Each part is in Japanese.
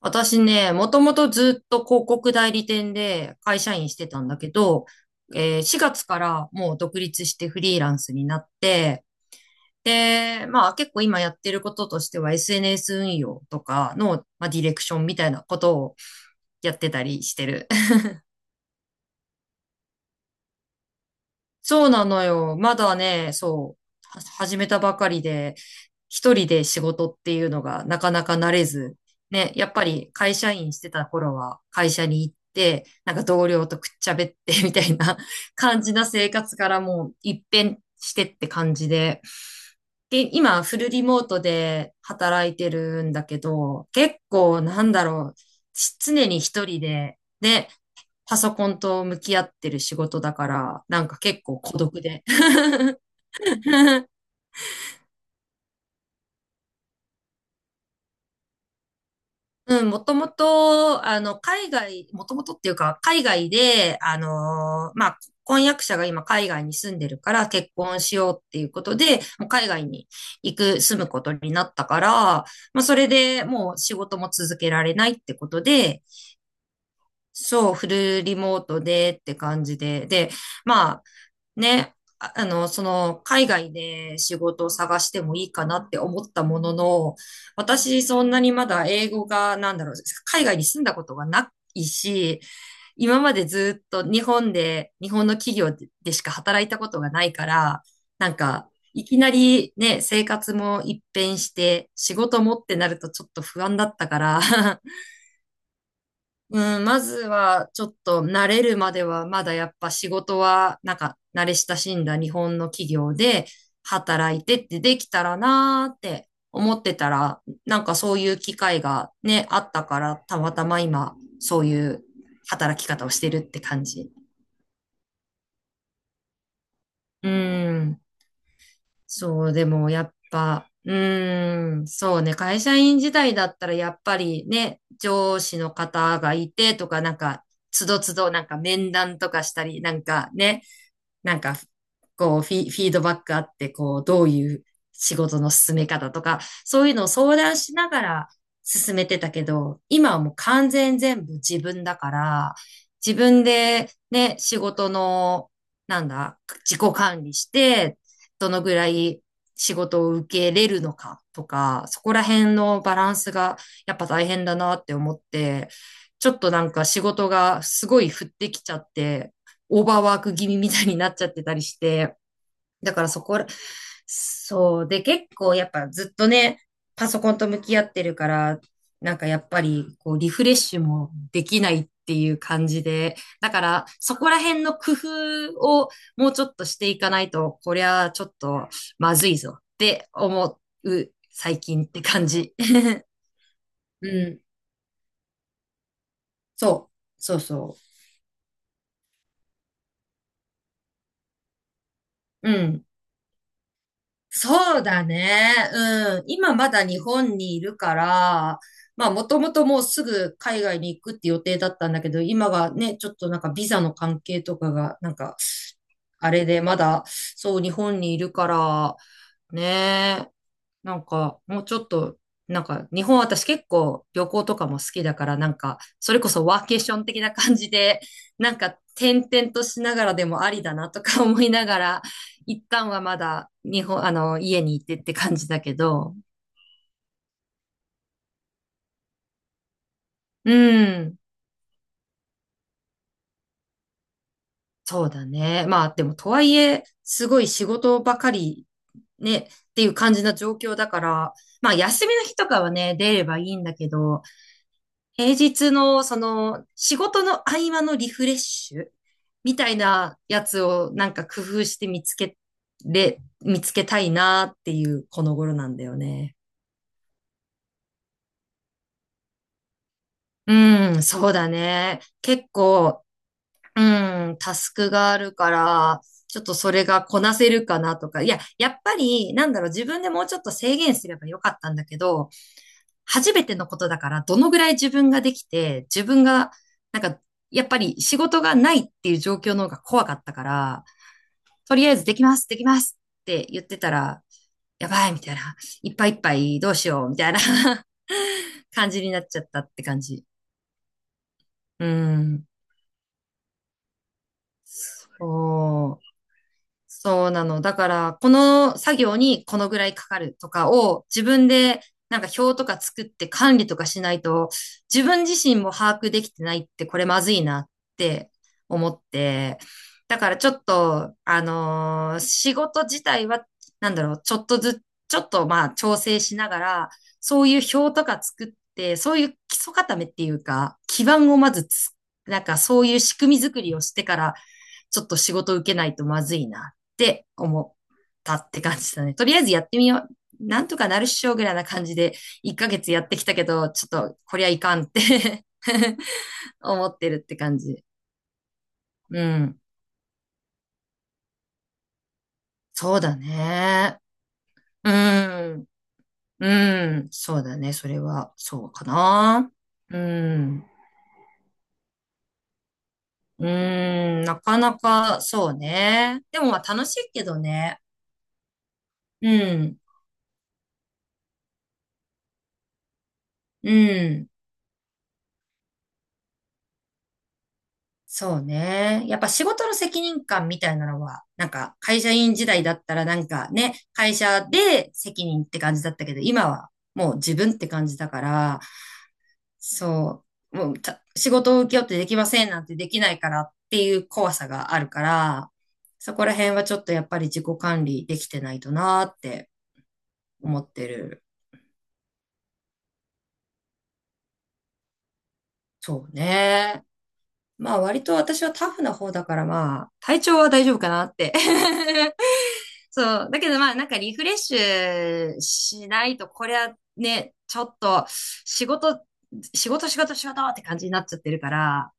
私ね、もともとずっと広告代理店で会社員してたんだけど、4月からもう独立してフリーランスになって、で、まあ結構今やってることとしては SNS 運用とかの、まあ、ディレクションみたいなことをやってたりしてる。そうなのよ。まだね、そう、は始めたばかりで、一人で仕事っていうのがなかなか慣れず、ね、やっぱり会社員してた頃は会社に行って、なんか同僚とくっちゃべって みたいな 感じな生活からもう一変してって感じで。で、今フルリモートで働いてるんだけど、結構なんだろう、し常に一人で、ねパソコンと向き合ってる仕事だから、なんか結構孤独で。うん、もともと、海外、もともとっていうか、海外で、まあ、婚約者が今海外に住んでるから結婚しようっていうことで、もう海外に行く、住むことになったから、まあ、それでもう仕事も続けられないってことで、そう、フルリモートでって感じで、で、まあ、ね、海外で仕事を探してもいいかなって思ったものの、私、そんなにまだ英語が、なんだろう、海外に住んだことがないし、今までずっと日本で、日本の企業でしか働いたことがないから、なんか、いきなりね、生活も一変して、仕事もってなるとちょっと不安だったから うん、まずはちょっと慣れるまではまだやっぱ仕事はなんか慣れ親しんだ日本の企業で働いてってできたらなーって思ってたらなんかそういう機会がね、あったからたまたま今そういう働き方をしてるって感じ。うん。そう、でもやっぱ、うーん、そうね、会社員時代だったらやっぱりね、上司の方がいてとか、なんか、つどつどなんか面談とかしたり、なんかね、なんか、こうフィードバックあって、こう、どういう仕事の進め方とか、そういうのを相談しながら進めてたけど、今はもう完全全部自分だから、自分でね、仕事の、なんだ、自己管理して、どのぐらい仕事を受けれるのかとか、そこら辺のバランスがやっぱ大変だなって思って、ちょっとなんか仕事がすごい降ってきちゃって、オーバーワーク気味みたいになっちゃってたりして、だからそこそう。で、結構やっぱずっとね、パソコンと向き合ってるから、なんかやっぱりこうリフレッシュもできないっていう感じで、だからそこら辺の工夫をもうちょっとしていかないと、こりゃちょっとまずいぞって思う最近って感じ。うん。そう。そうそう。うん。そうだね。うん。今まだ日本にいるから、まあもともともうすぐ海外に行くって予定だったんだけど、今がね、ちょっとなんかビザの関係とかが、なんか、あれでまだ、そう日本にいるから、ねえ、なんかもうちょっと、なんか日本私結構旅行とかも好きだから、なんか、それこそワーケーション的な感じで、なんか転々としながらでもありだなとか思いながら、一旦はまだ日本、家にいてって感じだけど、うん、そうだね。まあでもとはいえ、すごい仕事ばかりね、っていう感じな状況だから、まあ休みの日とかはね、出ればいいんだけど、平日のその仕事の合間のリフレッシュみたいなやつをなんか工夫して見つけたいなっていうこの頃なんだよね。うん、そうだね。結構うん、タスクがあるから、ちょっとそれがこなせるかなとか。いや、やっぱり、なんだろう、自分でもうちょっと制限すればよかったんだけど、初めてのことだから、どのぐらい自分ができて、自分が、なんか、やっぱり仕事がないっていう状況の方が怖かったから、とりあえずできます、できますって言ってたら、やばい、みたいな。いっぱいいっぱいどうしよう、みたいな 感じになっちゃったって感じ。うん。そう。そうなの。だから、この作業にこのぐらいかかるとかを自分でなんか表とか作って管理とかしないと、自分自身も把握できてないってこれまずいなって思って。だからちょっと、仕事自体は、なんだろう、ちょっとずつ、ちょっとまあ調整しながら、そういう表とか作って、そういう基礎固めっていうか、基盤をまずつ、なんかそういう仕組み作りをしてから、ちょっと仕事受けないとまずいなって思ったって感じだね。とりあえずやってみよう。なんとかなるっしょぐらいな感じで、1ヶ月やってきたけど、ちょっとこりゃいかんって 思ってるって感じ。うん。そうだね。うん。うん。そうだね。それは、そうかな。うん。うん。なかなか、そうね。でもまあ楽しいけどね。うん。うん。そうね。やっぱ仕事の責任感みたいなのは、なんか会社員時代だったらなんかね、会社で責任って感じだったけど、今はもう自分って感じだから、そう、もうた仕事を請け負ってできませんなんてできないからっていう怖さがあるから、そこら辺はちょっとやっぱり自己管理できてないとなーって思ってる。そうね。まあ割と私はタフな方だからまあ体調は大丈夫かなって そう。だけどまあなんかリフレッシュしないとこれはね、ちょっと仕事、仕事仕事仕事って感じになっちゃってるから、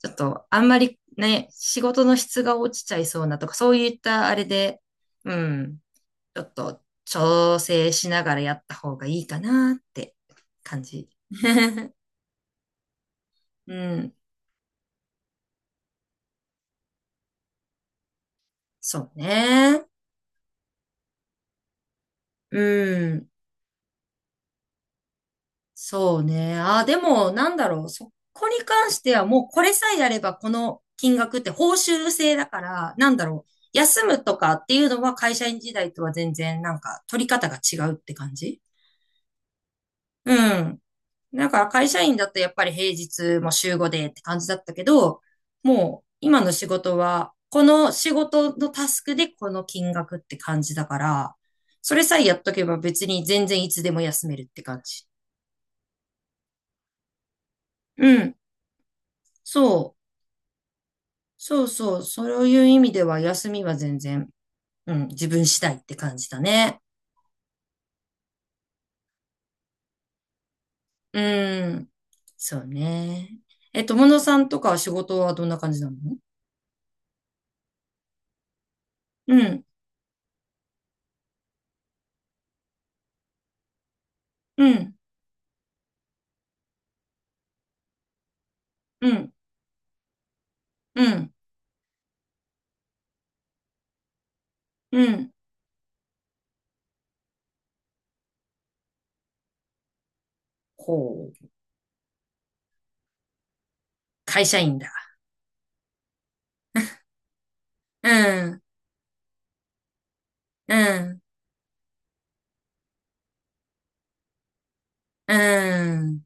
ちょっとあんまりね、仕事の質が落ちちゃいそうなとかそういったあれで、うん、ちょっと調整しながらやった方がいいかなって感じ。うん、そうね。うん。そうね。ああ、でも、なんだろう。そこに関してはもうこれさえやればこの金額って報酬制だから、なんだろう。休むとかっていうのは会社員時代とは全然なんか取り方が違うって感じうん。だから会社員だとやっぱり平日も週5でって感じだったけど、もう今の仕事はこの仕事のタスクでこの金額って感じだから、それさえやっとけば別に全然いつでも休めるって感じ。うん。そう。そうそう、そういう意味では休みは全然、うん、自分次第って感じだね。うん、そうね。え、友野さんとかは仕事はどんな感じなの？うん、うん、うん、うん、うん。ほう、会社員だ。うん、うん、うん、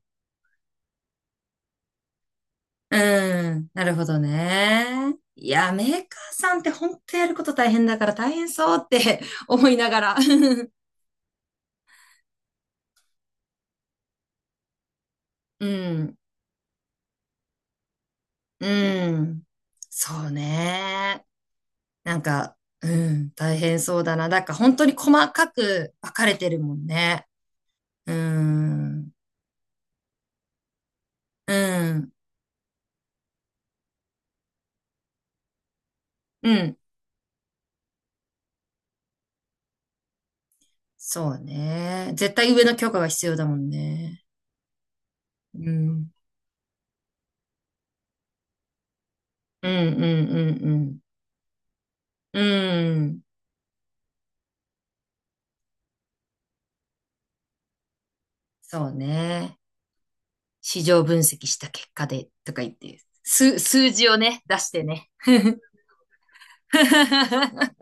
うん。なるほどね。いや、メーカーさんって本当やること大変だから大変そうって 思いながら。うん、うん。そうね。なんか、うん、大変そうだな。だから本当に細かく分かれてるもんね。うん、うん、うん。そうね。絶対上の許可が必要だもんね。うん、うん、うん、うん、うん。うん、そうね。市場分析した結果でとか言って、数字をね、出してね。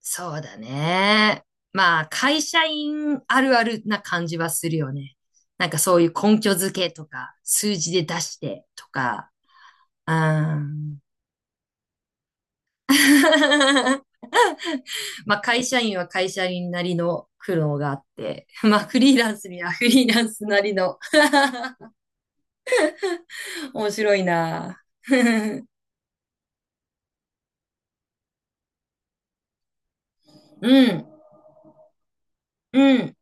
そうだね。まあ、会社員あるあるな感じはするよね。なんかそういう根拠付けとか、数字で出してとか、うん。まあ、会社員は会社員なりの苦労があって、まあ、フリーランスにはフリーランスなりの 面白いな。うん、うん。